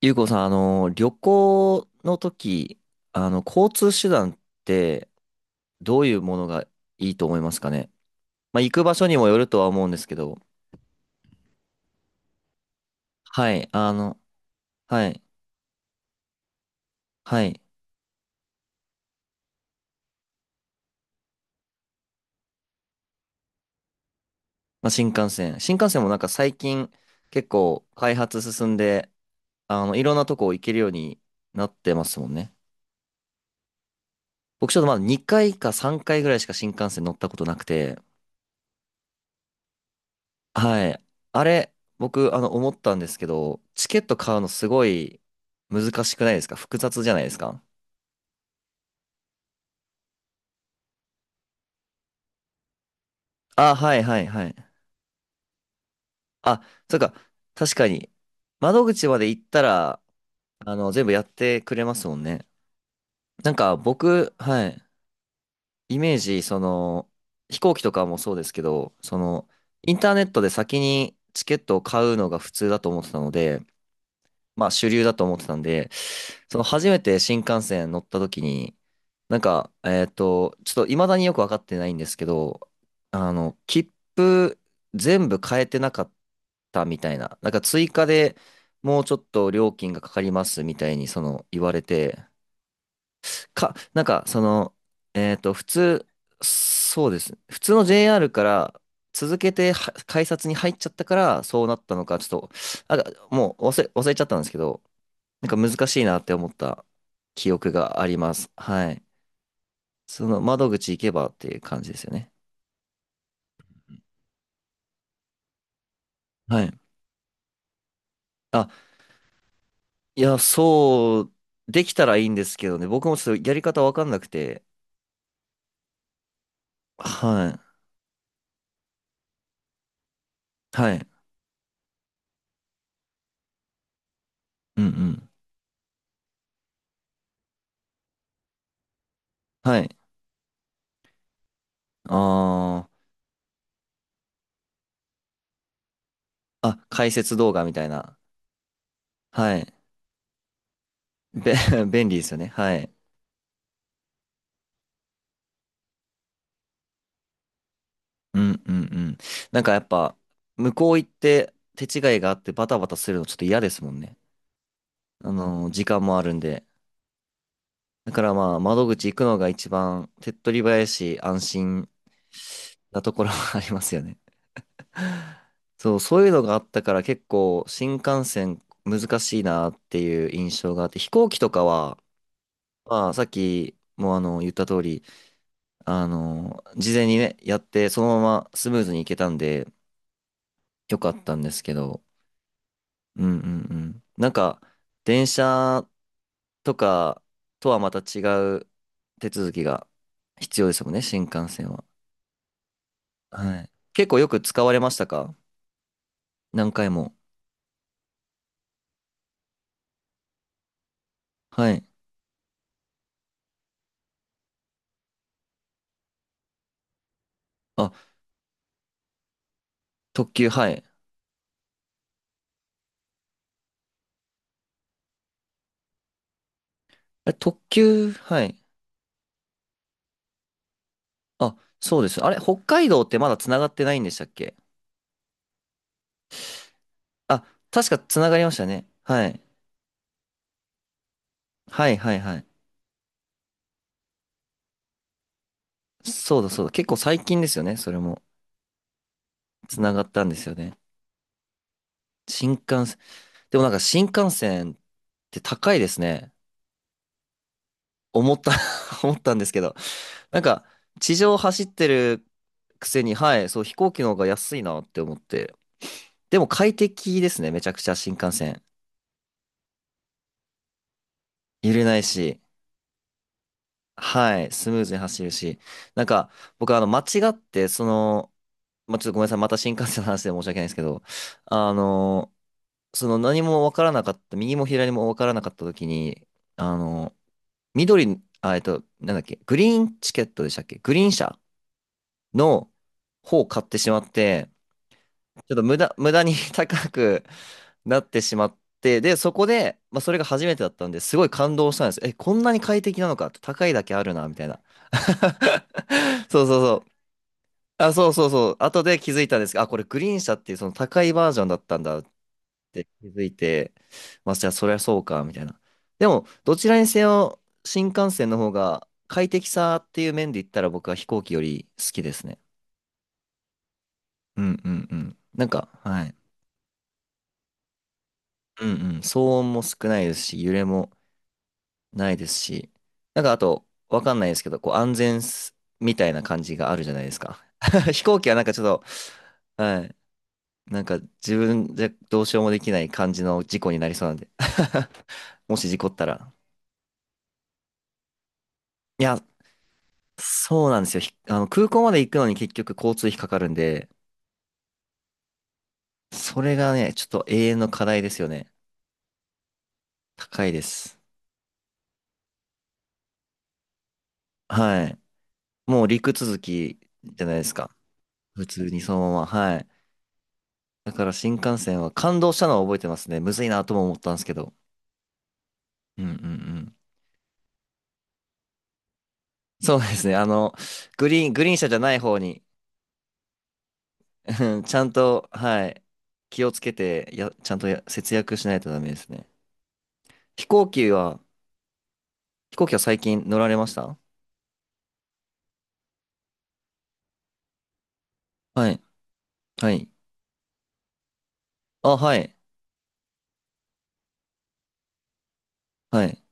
ゆうこさん、旅行の時、交通手段ってどういうものがいいと思いますかね。まあ、行く場所にもよるとは思うんですけど、はい、はい、はい。まあ、新幹線。新幹線もなんか最近結構開発進んで、いろんなとこ行けるようになってますもんね。僕ちょっとまだ2回か3回ぐらいしか新幹線乗ったことなくて、はい。あれ、僕、思ったんですけど、チケット買うのすごい難しくないですか。複雑じゃないですか。あ、はいはいはい。あ、そうか。確かに。窓口まで行ったら、全部やってくれますもんね。なんか、僕、はい。イメージ、その、飛行機とかもそうですけど、その、インターネットで先にチケットを買うのが普通だと思ってたので、まあ主流だと思ってたんで、その初めて新幹線乗った時に、なんか、ちょっと未だによくわかってないんですけど、切符全部変えてなかったみたいな、なんか追加でもうちょっと料金がかかりますみたいにその言われて、か、なんかその、普通、そうです。普通の JR から続けては改札に入っちゃったからそうなったのか、ちょっと、なんかもう忘れちゃったんですけど、なんか難しいなって思った記憶があります。はい。その窓口行けばっていう感じですよね。はい。あ、いや、そう、できたらいいんですけどね。僕もちょっとやり方わかんなくて。はい。はい。うんうん。はい。あー。あ、解説動画みたいな。はい。べ、便利ですよね。はい。うんうんうん。なんかやっぱ、向こう行って手違いがあってバタバタするのちょっと嫌ですもんね。時間もあるんで。だからまあ、窓口行くのが一番手っ取り早いし、安心なところは ありますよね。そう、そういうのがあったから結構新幹線難しいなっていう印象があって、飛行機とかは、まあ、さっきも言った通り、事前にね、やってそのままスムーズに行けたんで、よかったんですけど、うんうんうん。なんか、電車とかとはまた違う手続きが必要ですもんね、新幹線は。はい。結構よく使われましたか。何回も。はい。あ、特急、はい。え、特急、はい。あ、そうです。あれ、北海道ってまだ繋がってないんでしたっけ。あ、確か繋がりましたね。はい。はい、はい、はい。そうだ、そうだ。結構最近ですよね。それも。繋がったんですよね。新幹線。でもなんか新幹線って高いですね。思った 思ったんですけど。なんか、地上走ってるくせに、はい、そう、飛行機の方が安いなって思って。でも快適ですね、めちゃくちゃ新幹線。揺れないし、はい、スムーズに走るし。なんか、僕、間違って、その、まあ、ちょっとごめんなさい、また新幹線の話で申し訳ないんですけど、あの、その何もわからなかった、右も左もわからなかった時に、あの、緑、あ、なんだっけ、グリーンチケットでしたっけ。グリーン車の方を買ってしまって、ちょっと無駄に 高くなってしまって、で、そこで、まあ、それが初めてだったんで、すごい感動したんですよ。え、こんなに快適なのかと、高いだけあるな、みたいな。そうそうそう。あ、そうそうそう。後で気づいたんですが、あ、これグリーン車っていうその高いバージョンだったんだって気づいて、まあ、じゃあそりゃそうか、みたいな。でも、どちらにせよ、新幹線の方が快適さっていう面で言ったら僕は飛行機より好きですね。うんうんうん。なんか、はい。うんうん。騒音も少ないですし、揺れも。ないですし、なんかあと、わかんないですけど、こう安全すみたいな感じがあるじゃないですか。飛行機はなんかちょっと、はい、なんか自分じゃどうしようもできない感じの事故になりそうなんで。もし事故ったら。いや、そうなんですよ。ひ空港まで行くのに結局交通費かかるんで、それがね、ちょっと永遠の課題ですよね。高いです。はい。もう陸続きじゃないですか。普通にそのまま。はい。だから新幹線は感動したのは覚えてますね。むずいなとも思ったんですけど。うんうんうん。そうですね。グリーン車じゃない方に、うんちゃんと、はい、気をつけて、や、ちゃんと節約しないとダメですね。飛行機は、飛行機は最近乗られました。はい。はい。あ、はい。はい。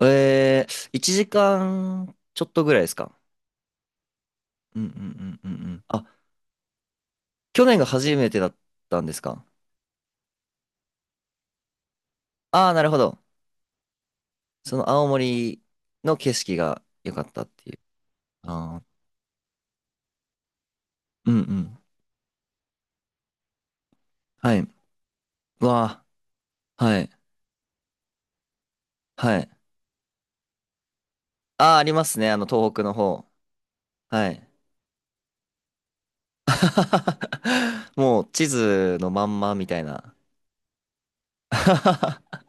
えー、1時間ちょっとぐらいですか。うんうんうんうんうん。あ、去年が初めてだったんですか。ああー、なるほど。その青森の景色が良かったっていう。あー、うんうん。はい。わあ、はい。はい。ああ、ありますね。東北の方。はい。もう、地図のまんまみたいな。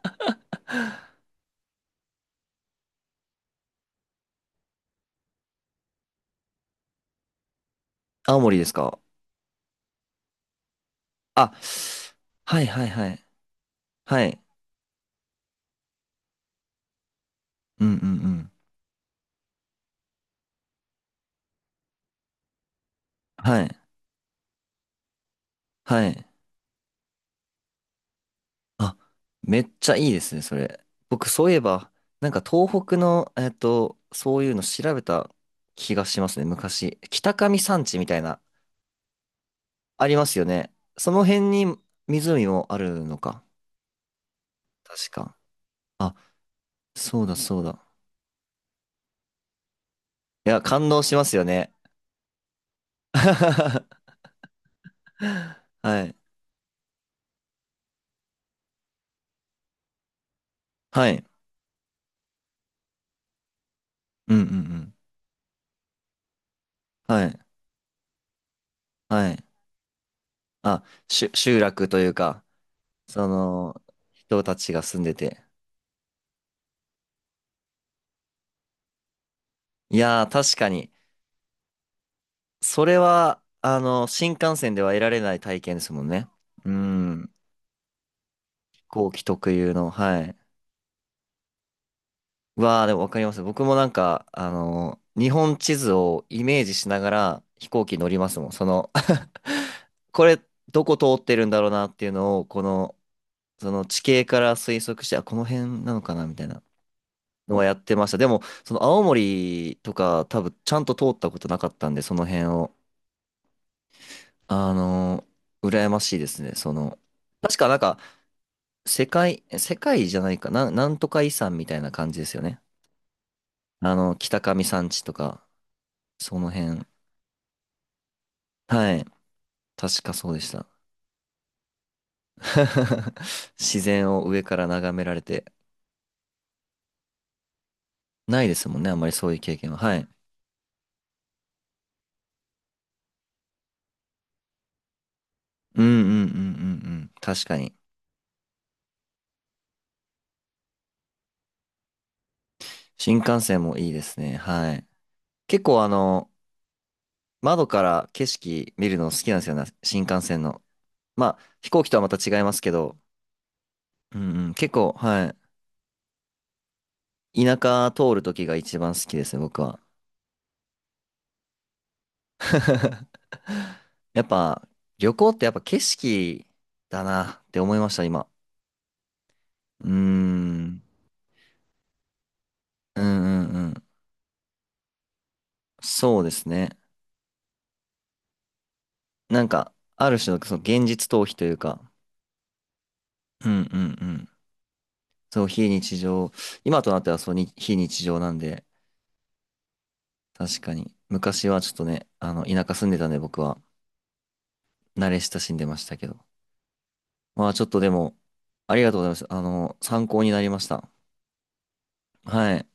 青森ですか。あ、はいはいはい。はい。うんうんうん。はい。はい。あ、めっちゃいいですね、それ。僕、そういえば、なんか東北の、そういうの調べた気がしますね、昔。北上山地みたいなありますよね。その辺に湖もあるのか。確か。あ、そうだそうだ。いや、感動しますよね。はい。はい。うんうんうん。はい。はい。あ、集落というか、その、人たちが住んでて。いやー、確かに。それは、新幹線では得られない体験ですもんね。うん。飛行機特有の、はい。わあ、でもわかります。僕もなんか、あの日本地図をイメージしながら飛行機乗りますもん。その これ、どこ通ってるんだろうなっていうのを、この、その地形から推測して、あ、この辺なのかなみたいなのはやってました。でも、その青森とか多分ちゃんと通ったことなかったんで、その辺を。あの羨ましいですね。その、確かなんか、世界じゃないかな、なんとか遺産みたいな感じですよね。北上山地とか、その辺。はい。確かそうでした。自然を上から眺められて、ないですもんね、あんまりそういう経験は。はい。うんうんうんうんうん。確かに。新幹線もいいですね。はい。結構窓から景色見るの好きなんですよね、新幹線の。まあ、飛行機とはまた違いますけど、うんうん。結構、はい。田舎通る時が一番好きですね、僕は。やっぱ、旅行ってやっぱ景色だなって思いました、今。うーん。うんうんうん。そうですね。なんか、ある種のその現実逃避というか、うんうんうん。そう、非日常、今となってはそうに、非日常なんで、確かに。昔はちょっとね、田舎住んでたんで僕は慣れ親しんでましたけど。まあちょっとでも、ありがとうございます。参考になりました。はい。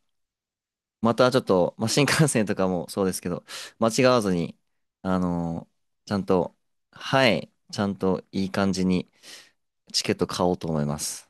またちょっと、まあ、新幹線とかも そうですけど、間違わずに、あの、ちゃんと、はい、ちゃんといい感じにチケット買おうと思います。